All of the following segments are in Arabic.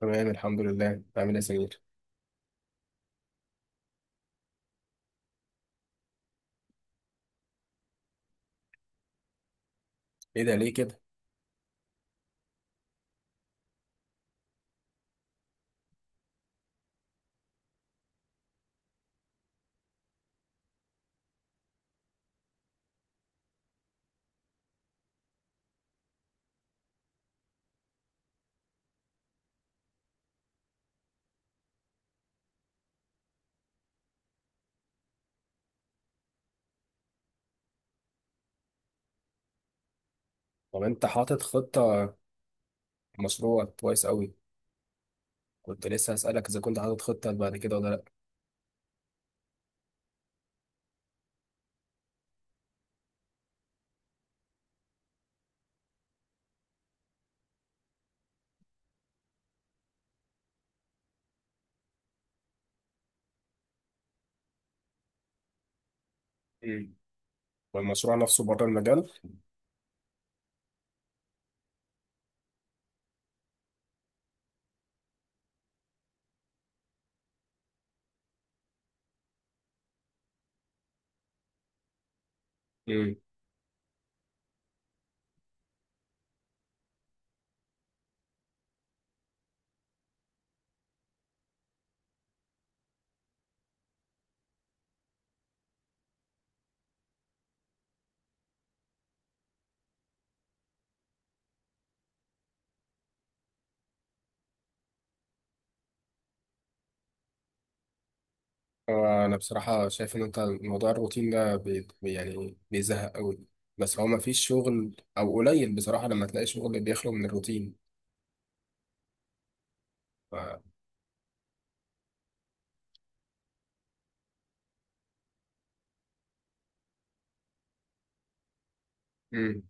تمام، الحمد لله. عامل ايه يا سمير؟ ايه ده، ليه كده؟ طب انت حاطط خطة؟ مشروع كويس قوي. كنت لسه هسألك اذا كنت حاطط خطة بعد كده ولا لا. امم والمشروع نفسه بره المجال؟ امم انا بصراحة شايف ان انت موضوع الروتين ده يعني بيزهق قوي. بس هو مفيش شغل، او قليل بصراحة لما تلاقي شغل بيخلو من الروتين. ف... امم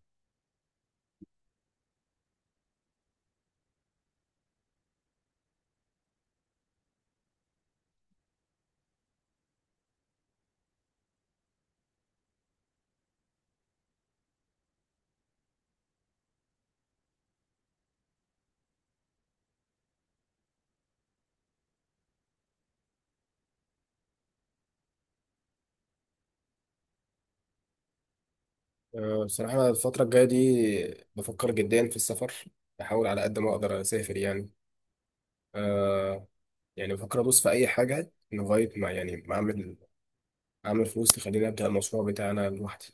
بصراحة أنا الفترة الجاية دي بفكر جدا في السفر. بحاول على قد ما اقدر اسافر يعني. آه، يعني بفكر ادوس في اي حاجه لغايه ما، يعني ما اعمل، اعمل فلوس تخليني ابدا المشروع بتاعي انا لوحدي.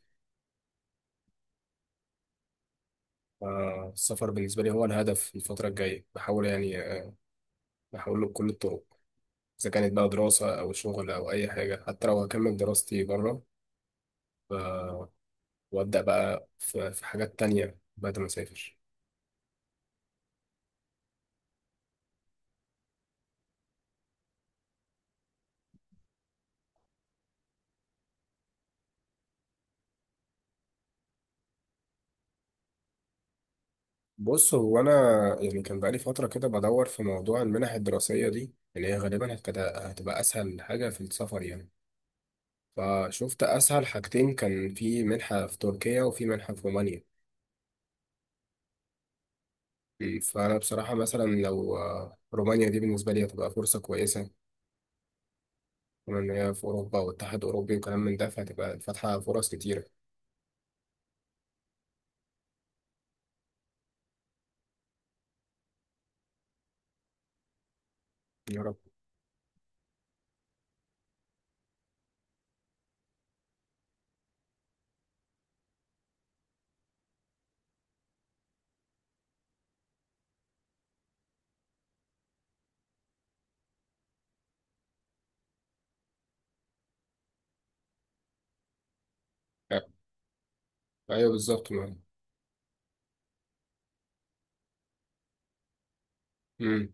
فالسفر بالنسبه لي هو الهدف الفتره الجايه، بحاول يعني. بحاول له بكل الطرق، اذا كانت بقى دراسه او شغل او اي حاجه، حتى لو هكمل دراستي بره. ف- وابدا بقى في حاجات تانية بعد ما اسافر. بص هو انا، يعني كان بقالي فتره كده بدور في موضوع المنح الدراسيه دي اللي هي غالبا هتبقى اسهل حاجه في السفر يعني. فشفت أسهل حاجتين، كان في منحة في تركيا وفي منحة في رومانيا. مم. فأنا بصراحة مثلا لو، رومانيا دي بالنسبة لي هتبقى فرصة كويسة، كمان إن هي في أوروبا واتحاد أوروبي وكلام من ده فهتبقى فاتحة فرص كتيرة. يا رب. آه، أيوه بالظبط ما. مم.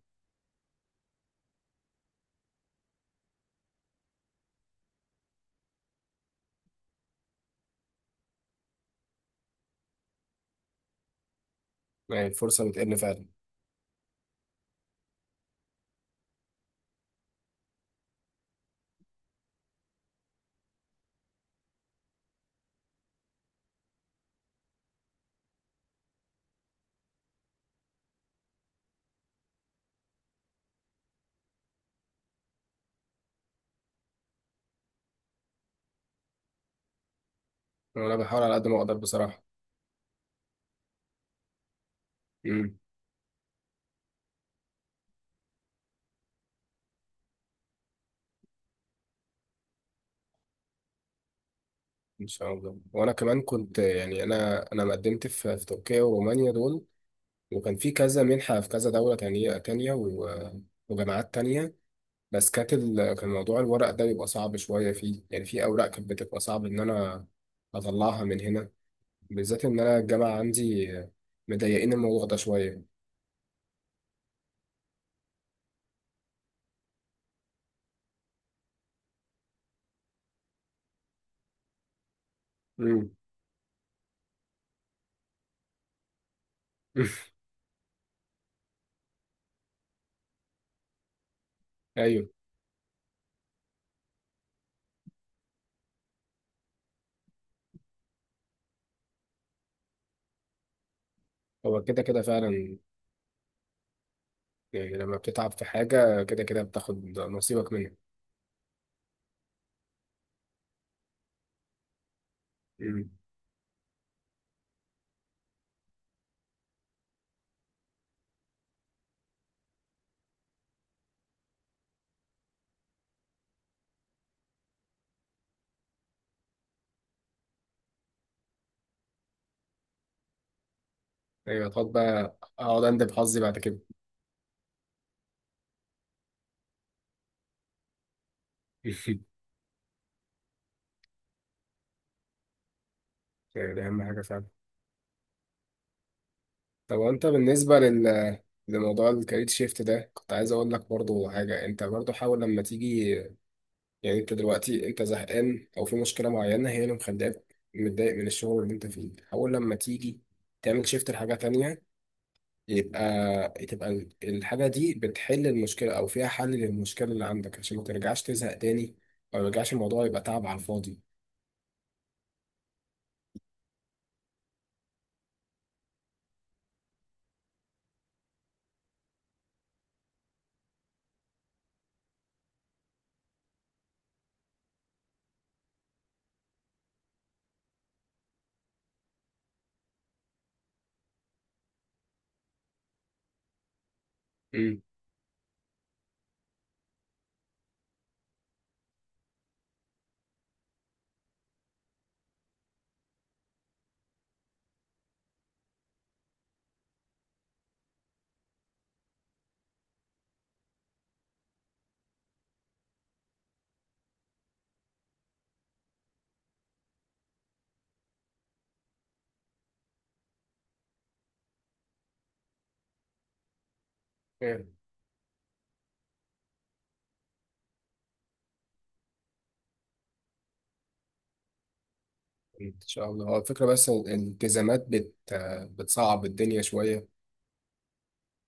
يعني الفرصة بتقل فعلا. وأنا بحاول على قد ما أقدر بصراحة. مم. إن شاء الله. وأنا كمان كنت، يعني أنا مقدمت في تركيا ورومانيا دول، وكان في كذا منحة في كذا دولة تانية وجامعات تانية. بس كانت كان موضوع الورق ده بيبقى صعب شوية فيه. يعني في أوراق كانت بتبقى صعب إن أنا أطلعها من هنا، بالذات إن أنا الجامعة عندي مضايقين الموضوع ده شوية. مم. أيوه، هو كده كده فعلا. يعني لما بتتعب في حاجة كده كده بتاخد نصيبك منها. مم. أيوه، هتقعد بقى أقعد أندب حظي بعد كده. يعني دي أهم حاجة فعلا. طب، وأنت بالنسبة لموضوع الكارير شيفت ده كنت عايز أقول لك برضو حاجة. أنت برضو حاول لما تيجي. يعني انت دلوقتي انت زهقان او في مشكله معينه هي اللي مخليك متضايق من الشغل اللي انت فيه، حاول لما تيجي تعمل شيفت لحاجه تانية. يبقى الحاجه دي بتحل المشكله، او فيها حل للمشكله اللي عندك، عشان ما ترجعش تزهق تاني، او ما يرجعش الموضوع يبقى تعب على الفاضي. امم ان شاء الله. هو الفكره، بس الالتزامات بتصعب الدنيا شويه.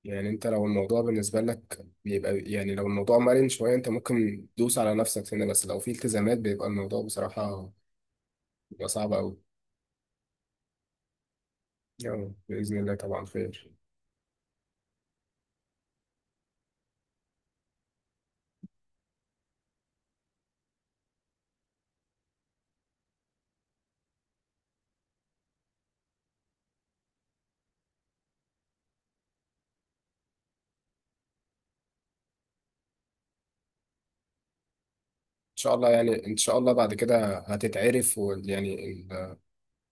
يعني انت لو الموضوع بالنسبة لك بيبقى، يعني لو الموضوع مرن شوية انت ممكن تدوس على نفسك هنا. بس لو في التزامات بيبقى الموضوع بصراحة بيبقى صعب أوي. يلا بإذن الله، طبعا خير. إن شاء الله، يعني إن شاء الله بعد كده هتتعرف، ويعني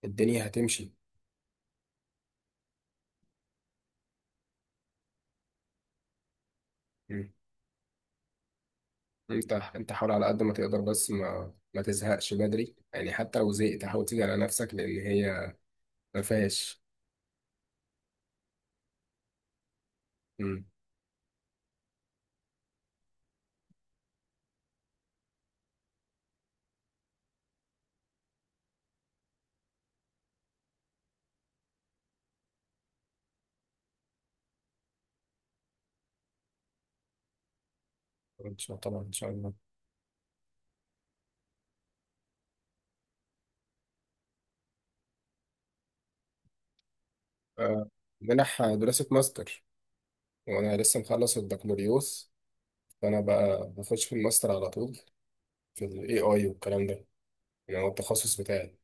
الدنيا هتمشي. مم. انت حاول على قد ما تقدر، بس ما تزهقش بدري. يعني حتى لو زهقت حاول تيجي على نفسك، لأن هي ما فيهاش. مم. إن شاء الله طبعا، إن شاء الله. آه، منح دراسة ماستر. وانا لسه مخلص البكالوريوس، فانا بقى بخش في الماستر على طول، في الاي اي والكلام ده. يعني هو التخصص بتاعي.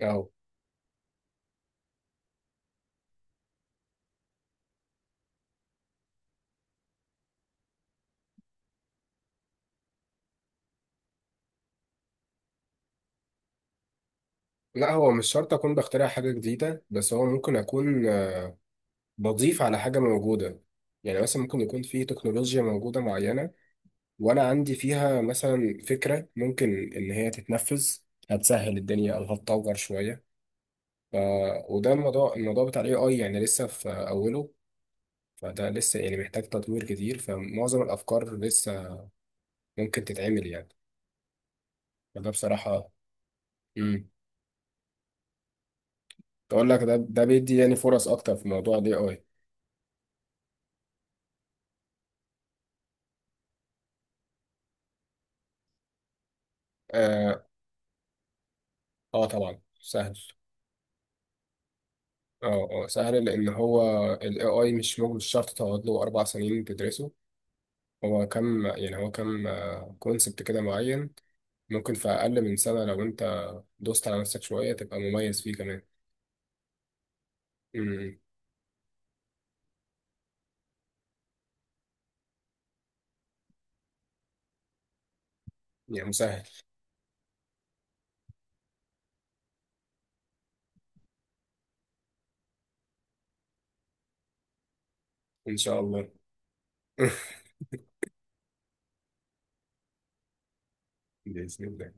اهو. لا، هو مش شرط اكون بخترع حاجه جديده، بس هو ممكن اكون، بضيف على حاجه موجوده. يعني مثلا ممكن يكون في تكنولوجيا موجوده معينه، وانا عندي فيها مثلا فكره ممكن ان هي تتنفذ، هتسهل الدنيا او هتطور شويه. ف... وده الموضوع، بتاع الاي اي يعني لسه في اوله. فده لسه يعني محتاج تطوير كتير، فمعظم الافكار لسه ممكن تتعمل يعني. فده بصراحة. امم تقول لك ده بيدي يعني فرص أكتر في موضوع ال AI. آه, طبعا سهل. سهل لأن هو ال AI مش شرط تقعد له 4 سنين تدرسه. هو كم كونسبت كده معين. ممكن في أقل من سنة لو أنت دوست على نفسك شوية تبقى مميز فيه كمان. امم يعني مسهل. إن شاء الله. بإذن الله.